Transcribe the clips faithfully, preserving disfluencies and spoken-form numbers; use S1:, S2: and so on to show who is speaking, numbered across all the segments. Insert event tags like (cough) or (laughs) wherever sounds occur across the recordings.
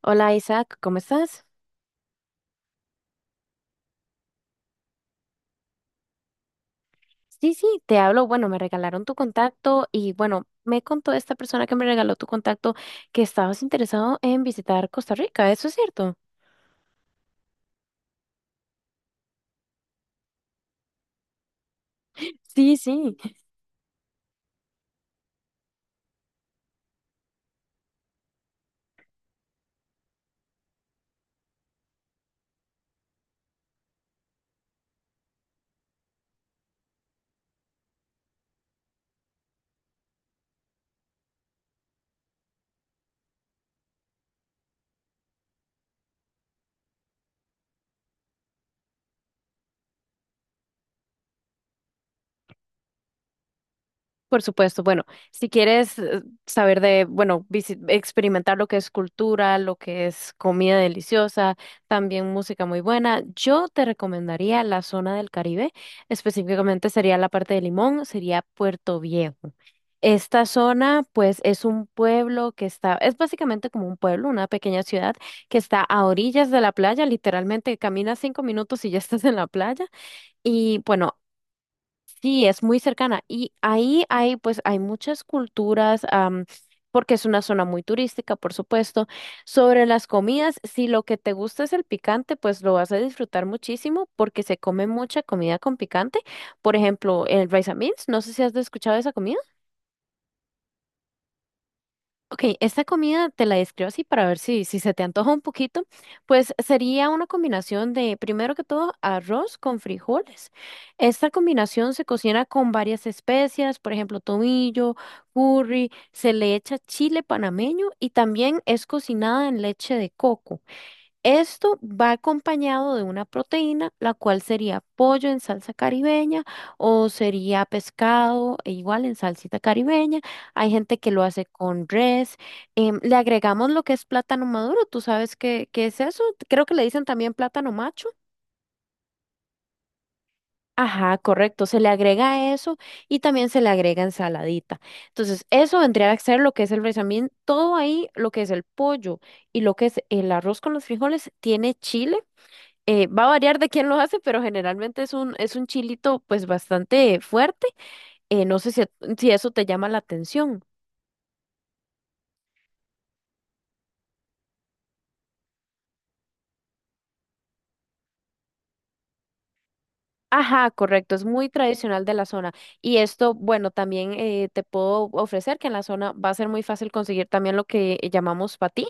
S1: Hola Isaac, ¿cómo estás? Sí, sí, te hablo. Bueno, me regalaron tu contacto y bueno, me contó esta persona que me regaló tu contacto que estabas interesado en visitar Costa Rica, ¿eso es cierto? Sí, sí. Por supuesto, bueno, si quieres eh, saber de, bueno, visi- experimentar lo que es cultura, lo que es comida deliciosa, también música muy buena, yo te recomendaría la zona del Caribe, específicamente sería la parte de Limón, sería Puerto Viejo. Esta zona, pues, es un pueblo que está, es básicamente como un pueblo, una pequeña ciudad que está a orillas de la playa, literalmente caminas cinco minutos y ya (laughs) estás en la playa. Y bueno, sí, es muy cercana. Y ahí hay, pues, hay muchas culturas, am, porque es una zona muy turística, por supuesto. Sobre las comidas, si lo que te gusta es el picante, pues lo vas a disfrutar muchísimo porque se come mucha comida con picante. Por ejemplo, el rice and beans, no sé si has escuchado esa comida. Ok, esta comida te la describo así para ver si, si se te antoja un poquito. Pues sería una combinación de, primero que todo, arroz con frijoles. Esta combinación se cocina con varias especias, por ejemplo, tomillo, curry, se le echa chile panameño y también es cocinada en leche de coco. Esto va acompañado de una proteína, la cual sería pollo en salsa caribeña o sería pescado e igual en salsita caribeña. Hay gente que lo hace con res. Em, le agregamos lo que es plátano maduro. ¿Tú sabes qué, qué es eso? Creo que le dicen también plátano macho. Ajá, correcto. Se le agrega eso y también se le agrega ensaladita. Entonces, eso vendría a ser lo que es el también todo ahí, lo que es el pollo y lo que es el arroz con los frijoles, tiene chile. Eh, va a variar de quién lo hace, pero generalmente es un, es un chilito pues bastante fuerte. Eh, no sé si, si eso te llama la atención. Ajá, correcto, es muy tradicional de la zona. Y esto, bueno, también eh, te puedo ofrecer que en la zona va a ser muy fácil conseguir también lo que llamamos patí.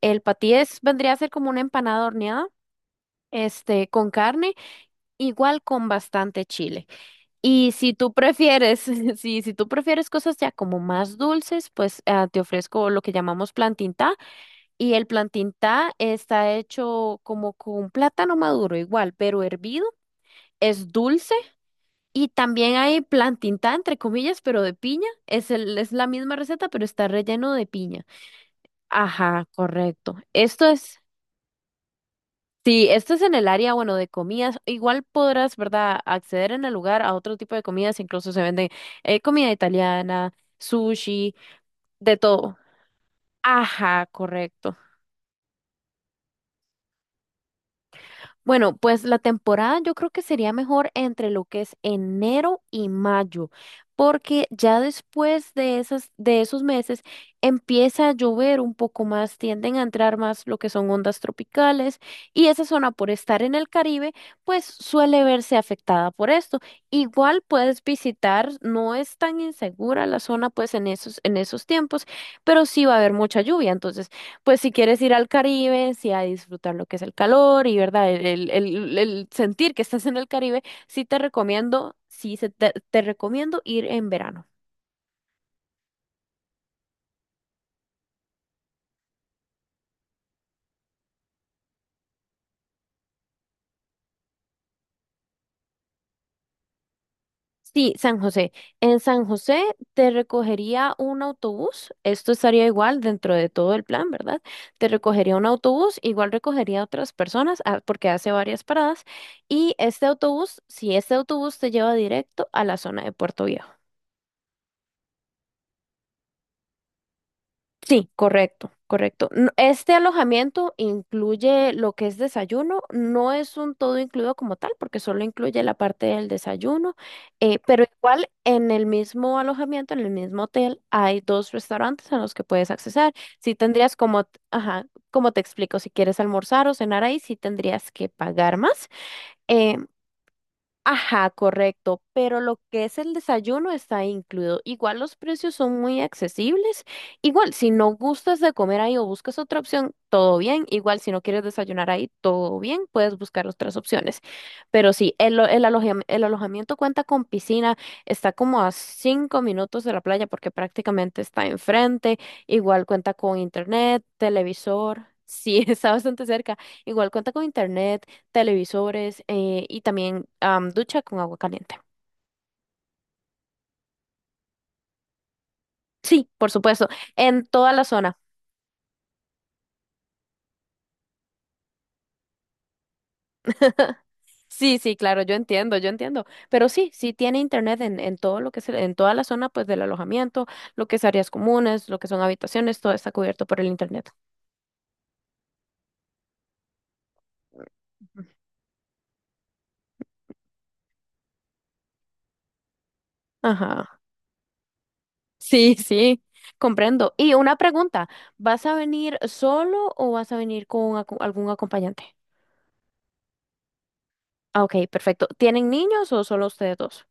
S1: El patí es, vendría a ser como una empanada horneada, este, con carne, igual con bastante chile. Y si tú prefieres, (laughs) si, si tú prefieres cosas ya como más dulces, pues ah, te ofrezco lo que llamamos plantita. Y el plantintá está hecho como con plátano maduro igual, pero hervido, es dulce. Y también hay plantintá, entre comillas, pero de piña. Es, el, es la misma receta, pero está relleno de piña. Ajá, correcto. Esto es, sí, esto es en el área, bueno, de comidas. Igual podrás, ¿verdad?, acceder en el lugar a otro tipo de comidas. Incluso se venden eh, comida italiana, sushi, de todo. Ajá, correcto. Bueno, pues la temporada yo creo que sería mejor entre lo que es enero y mayo, porque ya después de esas, de esos meses empieza a llover un poco más, tienden a entrar más lo que son ondas tropicales y esa zona por estar en el Caribe, pues suele verse afectada por esto. Igual puedes visitar, no es tan insegura la zona pues en esos, en esos tiempos, pero sí va a haber mucha lluvia, entonces pues si quieres ir al Caribe, sí a disfrutar lo que es el calor y verdad, el, el, el- el sentir que estás en el Caribe, sí te recomiendo, sí se te, te recomiendo ir en verano. Sí, San José. En San José te recogería un autobús. Esto estaría igual dentro de todo el plan, ¿verdad? Te recogería un autobús, igual recogería a otras personas ah, porque hace varias paradas. Y este autobús, si este autobús te lleva directo a la zona de Puerto Viejo. Sí, correcto, correcto. N- Este alojamiento incluye lo que es desayuno, no es un todo incluido como tal, porque solo incluye la parte del desayuno, eh, pero igual en el mismo alojamiento, en el mismo hotel, hay dos restaurantes a los que puedes accesar. Si tendrías como, t- ajá, como te explico, si quieres almorzar o cenar ahí, sí tendrías que pagar más. eh, Ajá, correcto, pero lo que es el desayuno está incluido. Igual los precios son muy accesibles. Igual, si no gustas de comer ahí o buscas otra opción, todo bien. Igual, si no quieres desayunar ahí, todo bien, puedes buscar otras opciones. Pero sí, el, lo- el aloja- el alojamiento cuenta con piscina, está como a cinco minutos de la playa porque prácticamente está enfrente. Igual cuenta con internet, televisor. Sí, (laughs) está bastante cerca. Igual cuenta con internet televisores eh, y también am, ducha con agua caliente. Sí, por supuesto, en toda la zona. (laughs) Sí, sí, claro, yo entiendo, yo entiendo. Pero sí, sí tiene internet en, en todo lo que es, el- en toda la zona pues del alojamiento, lo que es áreas comunes, lo que son habitaciones, todo está cubierto por el internet. Ujú. Ajá. Sí, sí, comprendo. Y una pregunta, ¿vas a venir solo o vas a venir con aco- algún acompañante? Ah, ok, perfecto. ¿Tienen niños o solo ustedes dos?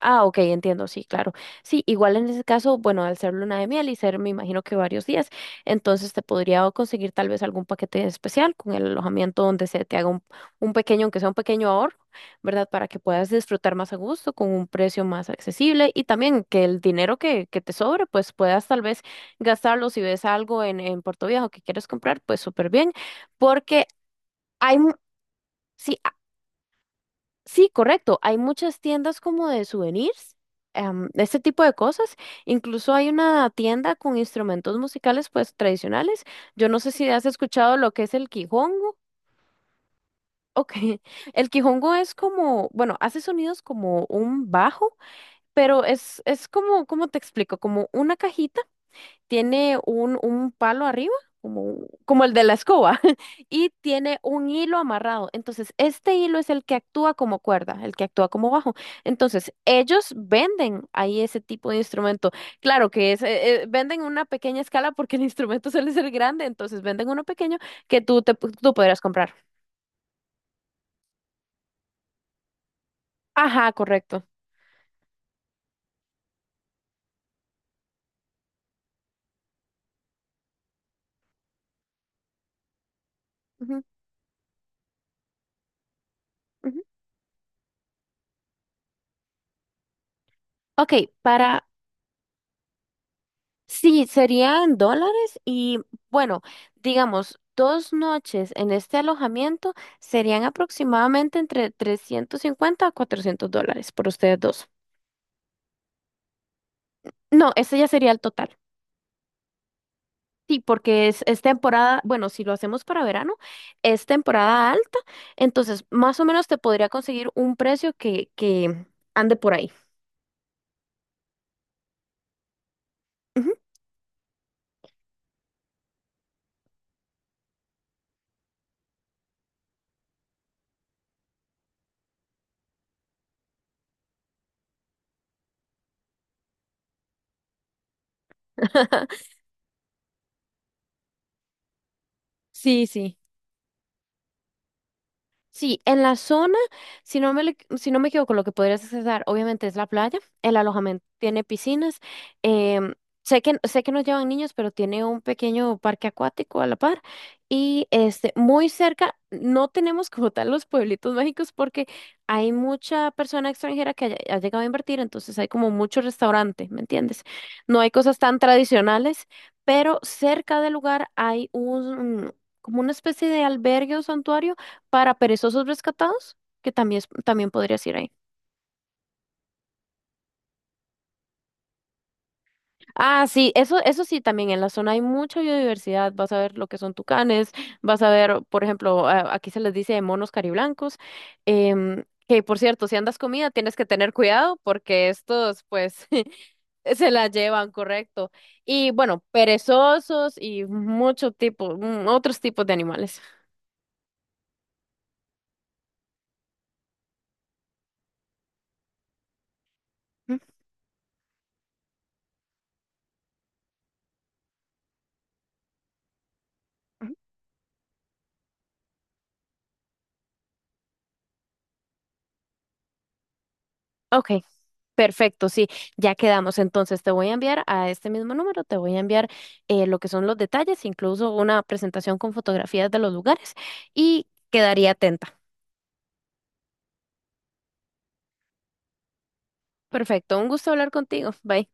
S1: Ah, ok, entiendo, sí, claro. Sí, igual en ese caso, bueno, al ser luna de miel y ser, me imagino que varios días, entonces te podría conseguir tal vez algún paquete especial con el alojamiento donde se te haga un, un, pequeño, aunque sea un pequeño ahorro, ¿verdad? Para que puedas disfrutar más a gusto, con un precio más accesible y también que el dinero que, que te sobre, pues puedas tal vez gastarlo si ves algo en, en Puerto Viejo que quieres comprar, pues súper bien, porque hay... mu- sí. Sí, correcto. Hay muchas tiendas como de souvenirs, em, de este tipo de cosas. Incluso hay una tienda con instrumentos musicales pues tradicionales. Yo no sé si has escuchado lo que es el quijongo. Ok. (laughs) El quijongo es como, bueno, hace sonidos como un bajo, pero es, es como, ¿cómo te explico? Como una cajita tiene un, un palo arriba, como, un- como el de la escoba, (laughs) y tiene un hilo amarrado. Entonces, este hilo es el que actúa como cuerda, el que actúa como bajo. Entonces, ellos venden ahí ese tipo de instrumento. Claro que es, eh, eh, venden una pequeña escala porque el (laughs) instrumento suele ser grande, entonces venden uno pequeño que tú, te, tú podrás comprar. Ajá, correcto. Ujú, ujú. Ok, para... Sí, sería en dólares y bueno, digamos, dos noches en este alojamiento serían aproximadamente entre trescientos cincuenta a cuatrocientos dólares por ustedes dos. No, ese ya sería el total. Sí, porque es, es temporada, bueno, si lo hacemos para verano, es temporada alta, entonces más o menos te podría conseguir un precio que, que ande por ahí. Ujú. (laughs) Sí, sí. Sí, en la zona, si no me, le- si no me equivoco, lo que podrías accesar obviamente es la playa, el alojamiento tiene piscinas, em, sé que, sé que no llevan niños, pero tiene un pequeño parque acuático a la par y este, muy cerca, no tenemos como tal los pueblitos mágicos porque hay mucha persona extranjera que ha, ha llegado a invertir, entonces hay como mucho restaurante, ¿me entiendes? No hay cosas tan tradicionales, pero cerca del lugar hay un, como una especie de albergue o santuario para perezosos rescatados, que también, es- también podrías ir ahí. Ah, sí, eso, eso sí, también en la zona hay mucha biodiversidad. Vas a ver lo que son tucanes, vas a ver, por ejemplo, a- aquí se les dice monos cariblancos, em, que por cierto, si andas comida, tienes que tener cuidado porque estos, pues, (laughs) se la llevan, correcto. Y bueno, perezosos y mucho tipo, mm, otros tipos de animales. Ujú, ujú. Ok. Perfecto, sí, ya quedamos. Entonces te voy a enviar a este mismo número, te voy a enviar eh, lo que son los detalles, incluso una presentación con fotografías de los lugares y quedaría atenta. Perfecto, un gusto hablar contigo. Bye.